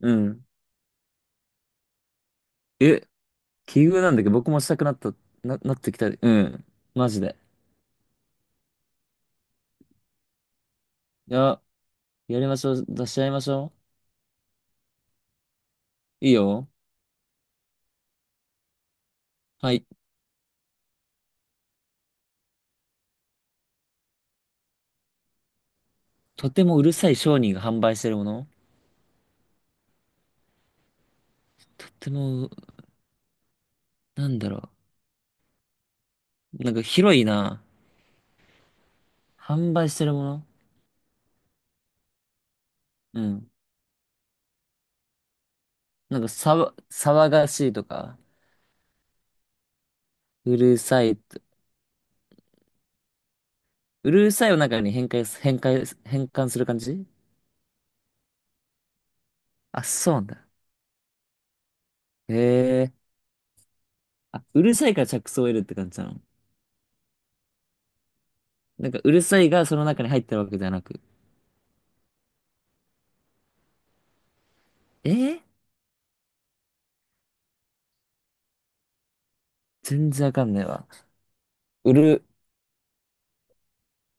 うん。え、奇遇なんだけど、僕もしたくなった、なってきた。うん。マジで。いや、やりましょう。出し合いましょう。いいよ。はい。とてもうるさい商人が販売してるもの。とても、なんだろう。なんか広いな。販売してるもの。うん。なんかさわ、騒がしいとか、うるさいと。うるさいを中に変換す、変換、変換する感じ。あ、そうなんだ。へえ。あ、うるさいから着想を得るって感じなの。なんかうるさいがその中に入ってるわけじゃなく。え、全然わかんないわ。うる、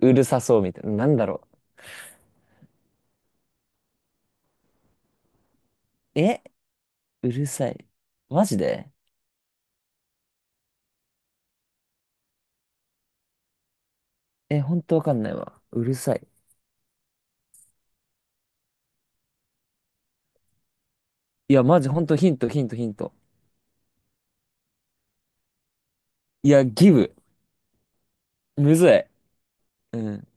うるさそうみたいな。なんだろう。え、うるさい。マジで。え、ほんとわかんないわ。うるさい。マジほんとヒント。いや、ギブ。むずい。うん。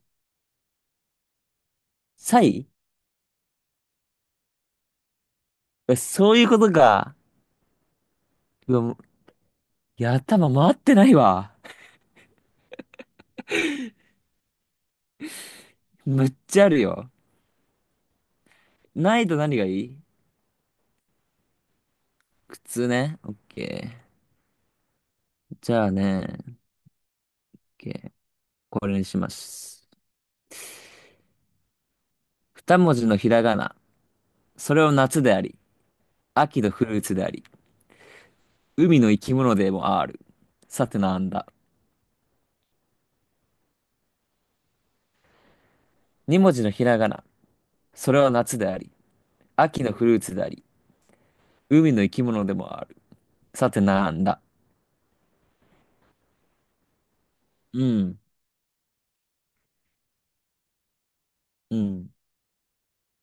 サイ。え、そういうことか。うわ、もう。いや、頭回ってないわ。むっちゃあるよ。ないと何がいい。靴ね。オッケー。じゃあね。オッケー。これにします。二文字のひらがな。それを夏であり、秋のフルーツであり。海の生き物でもある。さてなんだ。二文字のひらがな。それは夏であり、秋のフルーツであり、海の生き物でもある。さてなんだ。うん、うん、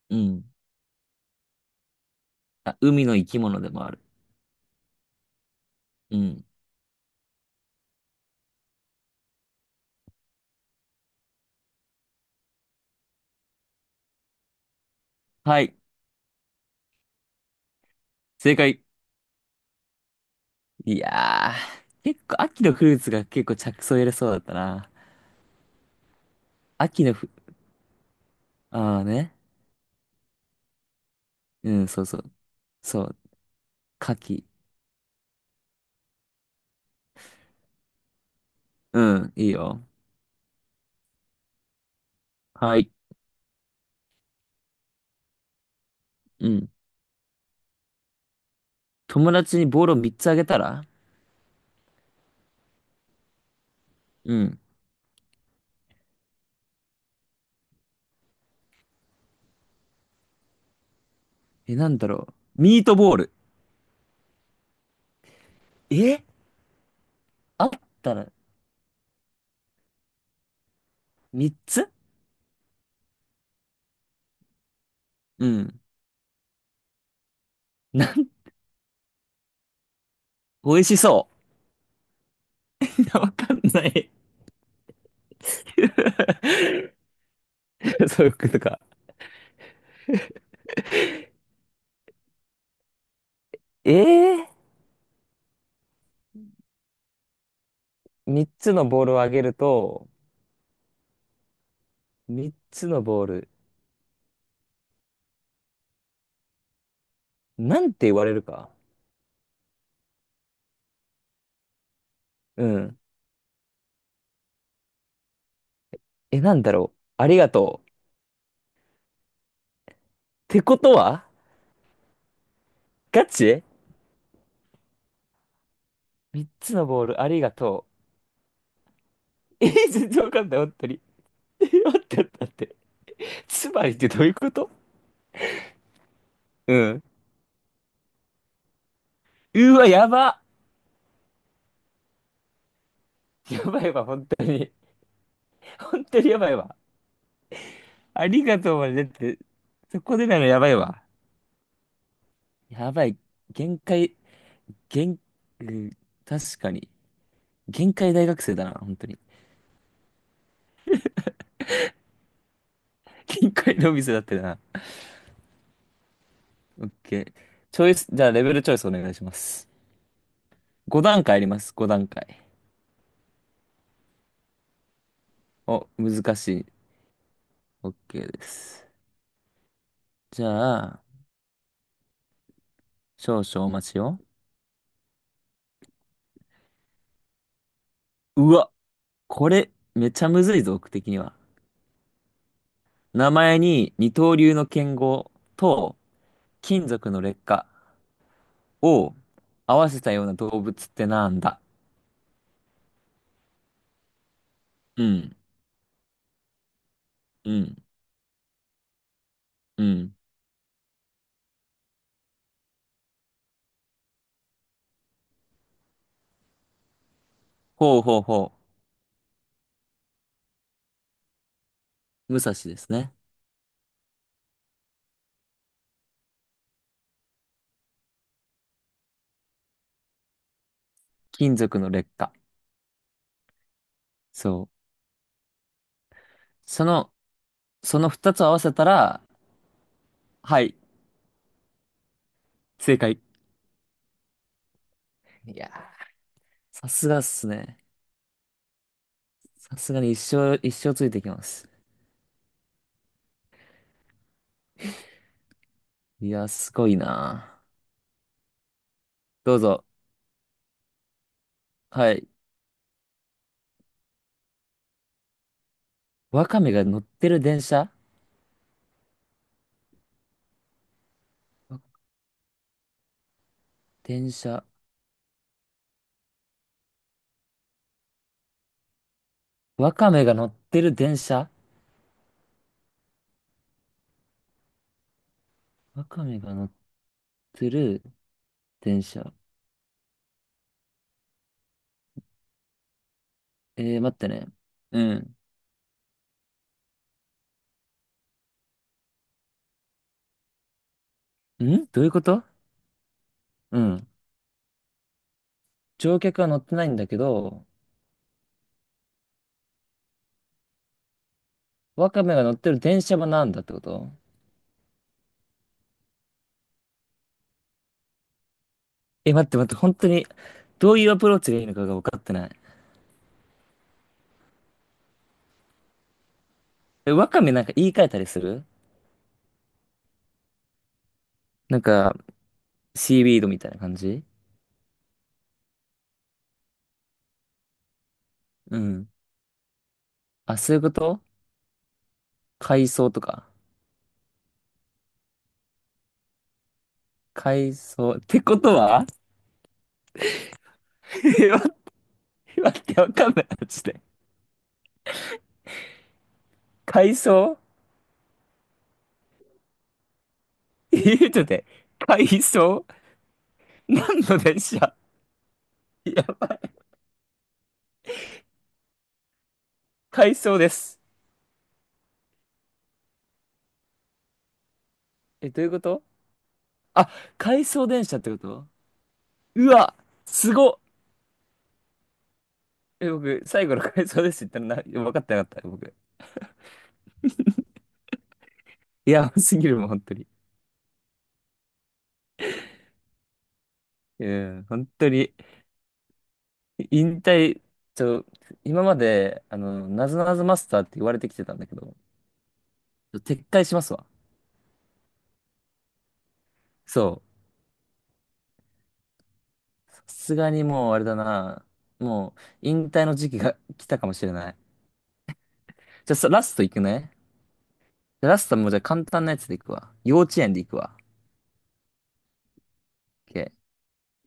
うん。あ、海の生き物でもある。うん。はい、正解。いやー、結構秋のフルーツが結構着想入れそうだったな。秋のフ、ああね。うん、そうそう。そう、牡蠣。うん、いいよ。はい。うん。友達にボールを3つあげたら。うん。え、なんだろう。ミートボール。え、あったら、3つ。うん。なん、美味しそう。いやわかんない。そういうことか。ええー、3つのボールをあげると、3つのボール、なんて言われるか。うん。え、なんだろう。ありがとう。ってことは、ガチ ?3 つのボール、ありがとう。えー、全然わかんない、本当に。えー待って待って。つまりってどういうこと。うん。うわ、やば。やばいわ、本当に。本当にやばいわ。ありがとうまで、って、そこでないのやばいわ。やばい。限界、限、うん、確かに。限界大学生だな、本当に。限界のお店だってな。オッケー。チョイス、じゃあレベルチョイスお願いします。5段階あります、5段階。お、難しい。オッケーです。じゃあ、少々お待ちを。うわ、これ、めちゃむずいぞ、僕的には。名前に二刀流の剣豪と、金属の劣化。を合わせたような動物ってなんだ。うん、うん、うん。ほうほうほう。武蔵ですね。金属の劣化。そう。その、その二つを合わせたら、はい、正解。いやー、さすがっすね。さすがに一生ついてきます。いやー、すごいなー。どうぞ。はい。ワカメが乗ってる電車。わ、電車。ワカメが乗ってる電車ワカメが乗ってる電車。えー、待ってね。うん。ん、どういうこと。うん。乗客は乗ってないんだけど、ワカメが乗ってる電車はなんだってこと。え、待って、本当に、どういうアプローチがいいのかが分かってない。え、ワカメなんか言い換えたりする。なんか、シーウィードみたいな感じ。うん。あ、そういうこと。海藻とか。海藻。ってことは。 え、待って、わかんない。マジで。海藻。え、ちょっと待って。海藻。何の電車。やばい。海藻です。え、どういうこと。あ、回送電車ってこと。うわ、すごっ。え、僕、最後の回想ですって言ったらな、分かってなかった、僕。いや、すぎるもん、本当に。うん、本当に。引退、ちょ、今まで、あの、なぞなぞマスターって言われてきてたんだけど、撤回しますわ。そう。さすがにもう、あれだな。もう、引退の時期が来たかもしれない。じゃあ、さラストいくね。じゃあラストもうじゃあ簡単なやつでいくわ。幼稚園でいくわ。OK。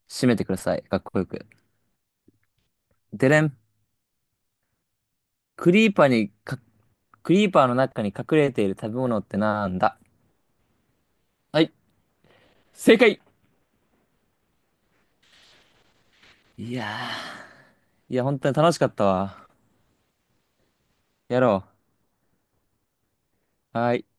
締めてください。かっこよく。でれん。クリーパーにかクリーパーの中に隠れている食べ物ってなんだ。はい、正解。いやー。いや、本当に楽しかったわ。やろう。はーい。